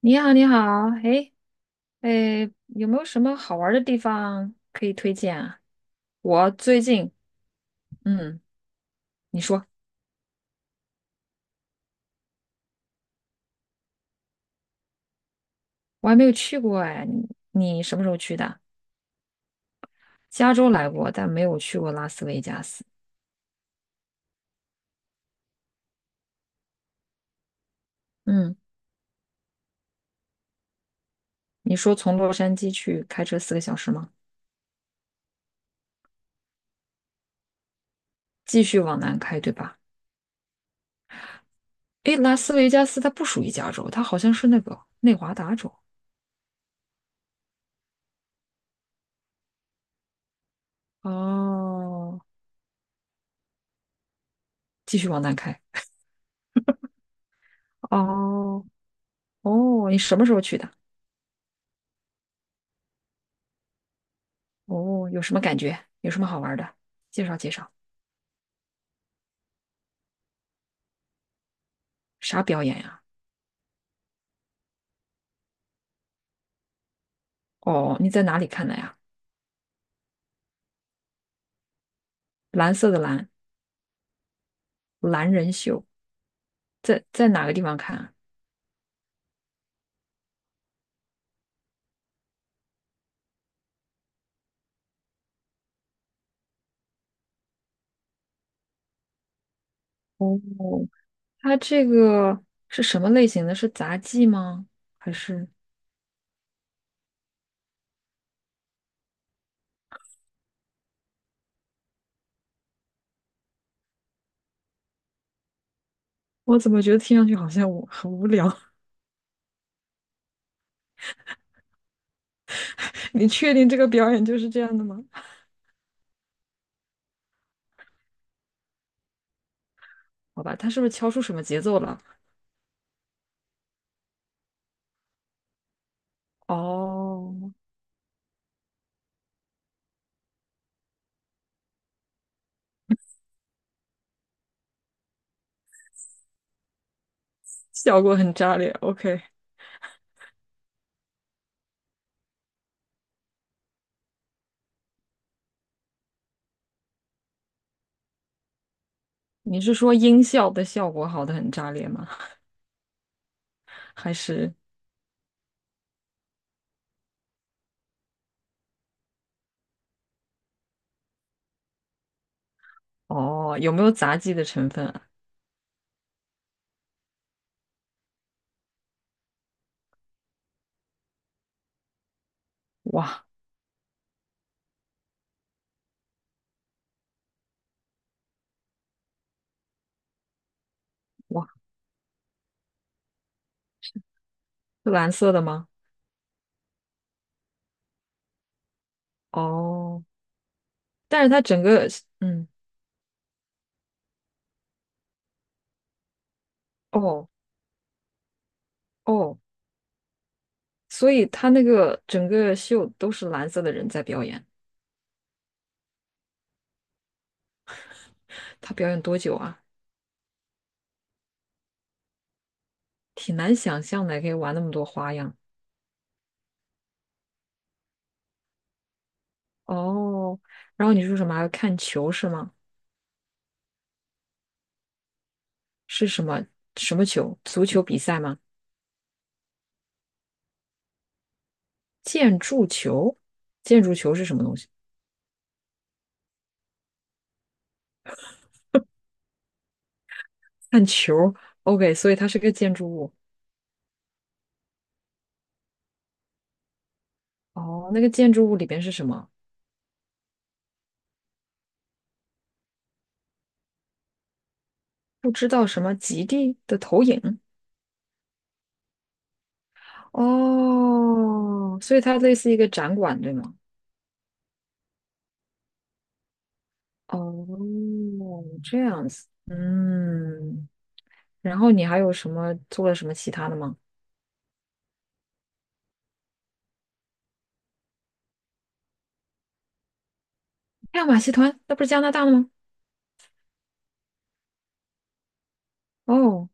你好，你好，哎，哎，有没有什么好玩儿的地方可以推荐啊？我最近，嗯，你说，我还没有去过哎，你什么时候去的？加州来过，但没有去过拉斯维加斯。嗯，你说从洛杉矶去开车4个小时吗？继续往南开，对吧？哎，拉斯维加斯它不属于加州，它好像是那个内华达州。哦，继续往南开。哦哦，你什么时候去的？哦，有什么感觉？有什么好玩的？介绍介绍。啥表演呀？哦，你在哪里看的呀？蓝色的蓝，蓝人秀，在哪个地方看啊？哦，它这个是什么类型的？是杂技吗？还是我怎么觉得听上去好像我很无聊？你确定这个表演就是这样的吗？好吧，他是不是敲出什么节奏了？哦，效果很炸裂。OK,你是说音效的效果好的很炸裂吗？还是？哦，有没有杂技的成分啊？哇哇，是蓝色的吗？哦，但是它整个，嗯，哦哦，所以它那个整个秀都是蓝色的人在表演。他表演多久啊？挺难想象的，可以玩那么多花样。哦，然后你说什么还要看球是吗？是什么什么球？足球比赛吗？建筑球？建筑球是什么东西？看球。OK,所以它是个建筑物。哦，那个建筑物里边是什么？不知道什么极地的投影哦，所以它类似一个展馆，对吗？哦，这样子，嗯，然后你还有什么做了什么其他的吗？还有马戏团，那不是加拿大的吗？哦，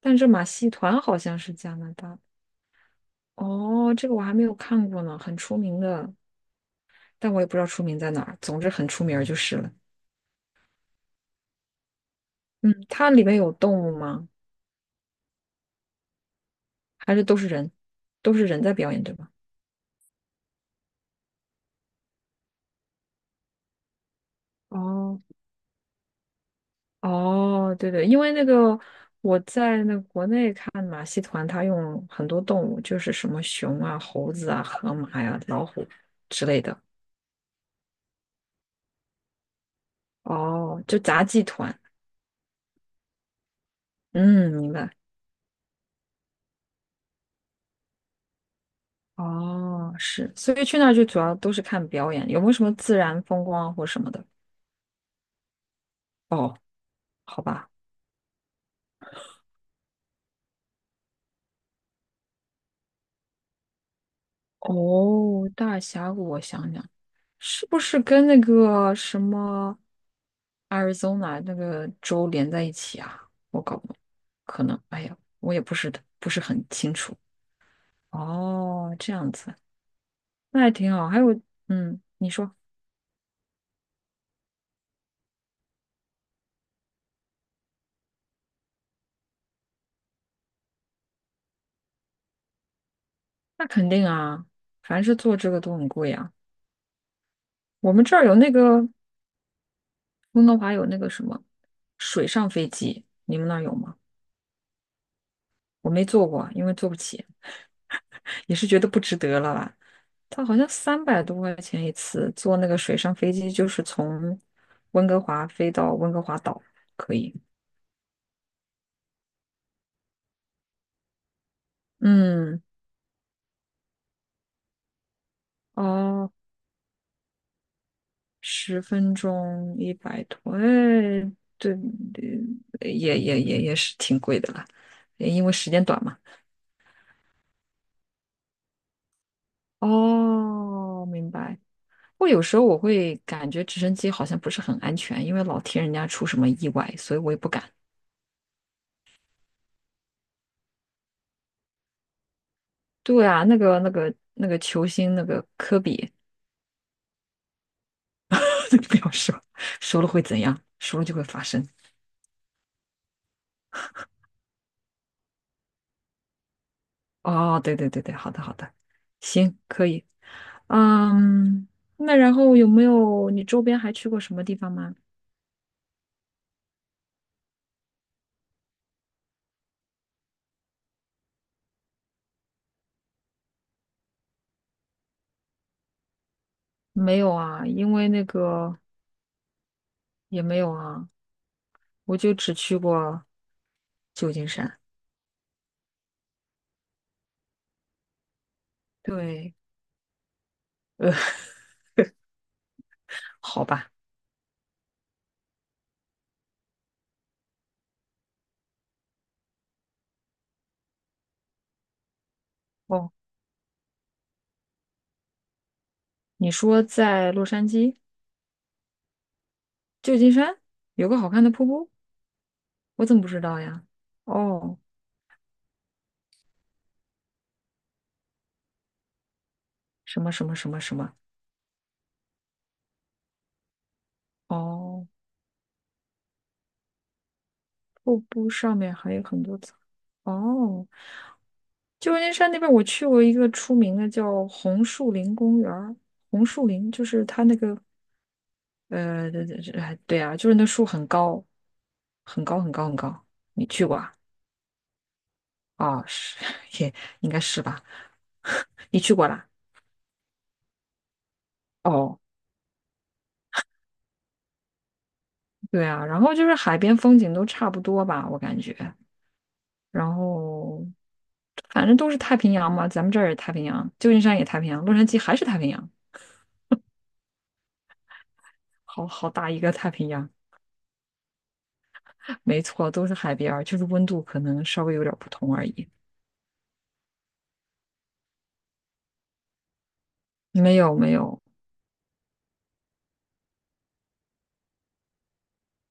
但是马戏团好像是加拿大的哦，这个我还没有看过呢，很出名的，但我也不知道出名在哪儿。总之很出名儿就是了。嗯，它里面有动物吗？还是都是人？都是人在表演，对吧？哦，哦，对对，因为那个我在那个国内看马戏团，他用很多动物，就是什么熊啊、猴子啊、河马呀、老虎之类的。哦，就杂技团。嗯，明白。哦，是，所以去那儿就主要都是看表演，有没有什么自然风光啊或什么的？好吧。哦，大峡谷，我想想。是不是跟那个什么 Arizona 那个州连在一起啊？我搞不懂，可能，哎呀，我也不是不是很清楚。哦，这样子，那还挺好。还有，嗯，你说，那肯定啊，凡是做这个都很贵啊。我们这儿有那个温哥华有那个什么水上飞机，你们那儿有吗？我没坐过，因为坐不起，也是觉得不值得了吧。它好像300多块钱一次，坐那个水上飞机，就是从温哥华飞到温哥华岛，可以。嗯，哦，10分钟100多，哎，对，也是挺贵的啦，因为时间短嘛。哦，明白。我有时候我会感觉直升机好像不是很安全，因为老听人家出什么意外，所以我也不敢。对啊，那个球星那个科比，不要说，说了会怎样？说了就会发生。哦，对对对对，好的好的，行，可以。嗯，那然后有没有你周边还去过什么地方吗？没有啊，因为那个也没有啊，我就只去过旧金山。对，呃，好吧。哦，你说在洛杉矶、旧金山有个好看的瀑布，我怎么不知道呀？哦，什么什么什么什么。哦，瀑布上面还有很多草。哦，旧金山那边我去过一个出名的叫红树林公园儿红树林就是它那个呃，哎对啊，就是那树很高，很高很高很高。你去过啊？哦，是，也应该是吧？你去过啦？哦，对啊，然后就是海边风景都差不多吧，我感觉。然后反正都是太平洋嘛，咱们这儿也太平洋，旧金山也太平洋，洛杉矶还是太平洋，好好大一个太平洋。没错，都是海边儿，就是温度可能稍微有点儿不同而已。没有没有，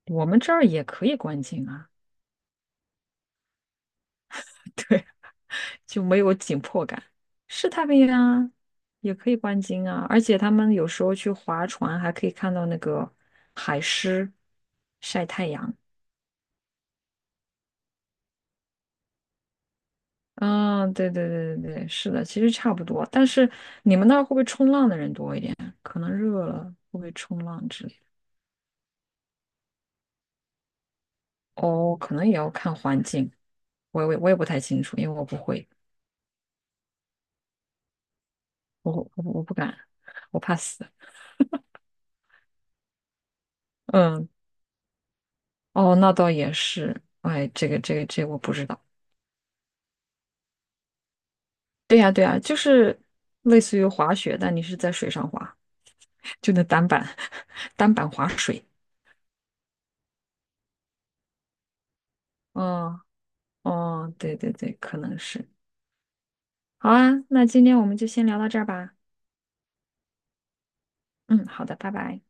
我们这儿也可以观鲸啊，对，就没有紧迫感。是太平洋啊，也可以观鲸啊，而且他们有时候去划船还可以看到那个海狮晒太阳。嗯，对对对对对，是的，其实差不多。但是你们那儿会不会冲浪的人多一点？可能热了会不会冲浪之类的？哦，可能也要看环境，我也不太清楚，因为我不会。我不敢，我怕死。嗯，哦，那倒也是。哎，这个我不知道。对呀对呀，就是类似于滑雪，但你是在水上滑，就那单板 单板滑水。哦哦，对对对，可能是。好啊，那今天我们就先聊到这儿吧。嗯，好的，拜拜。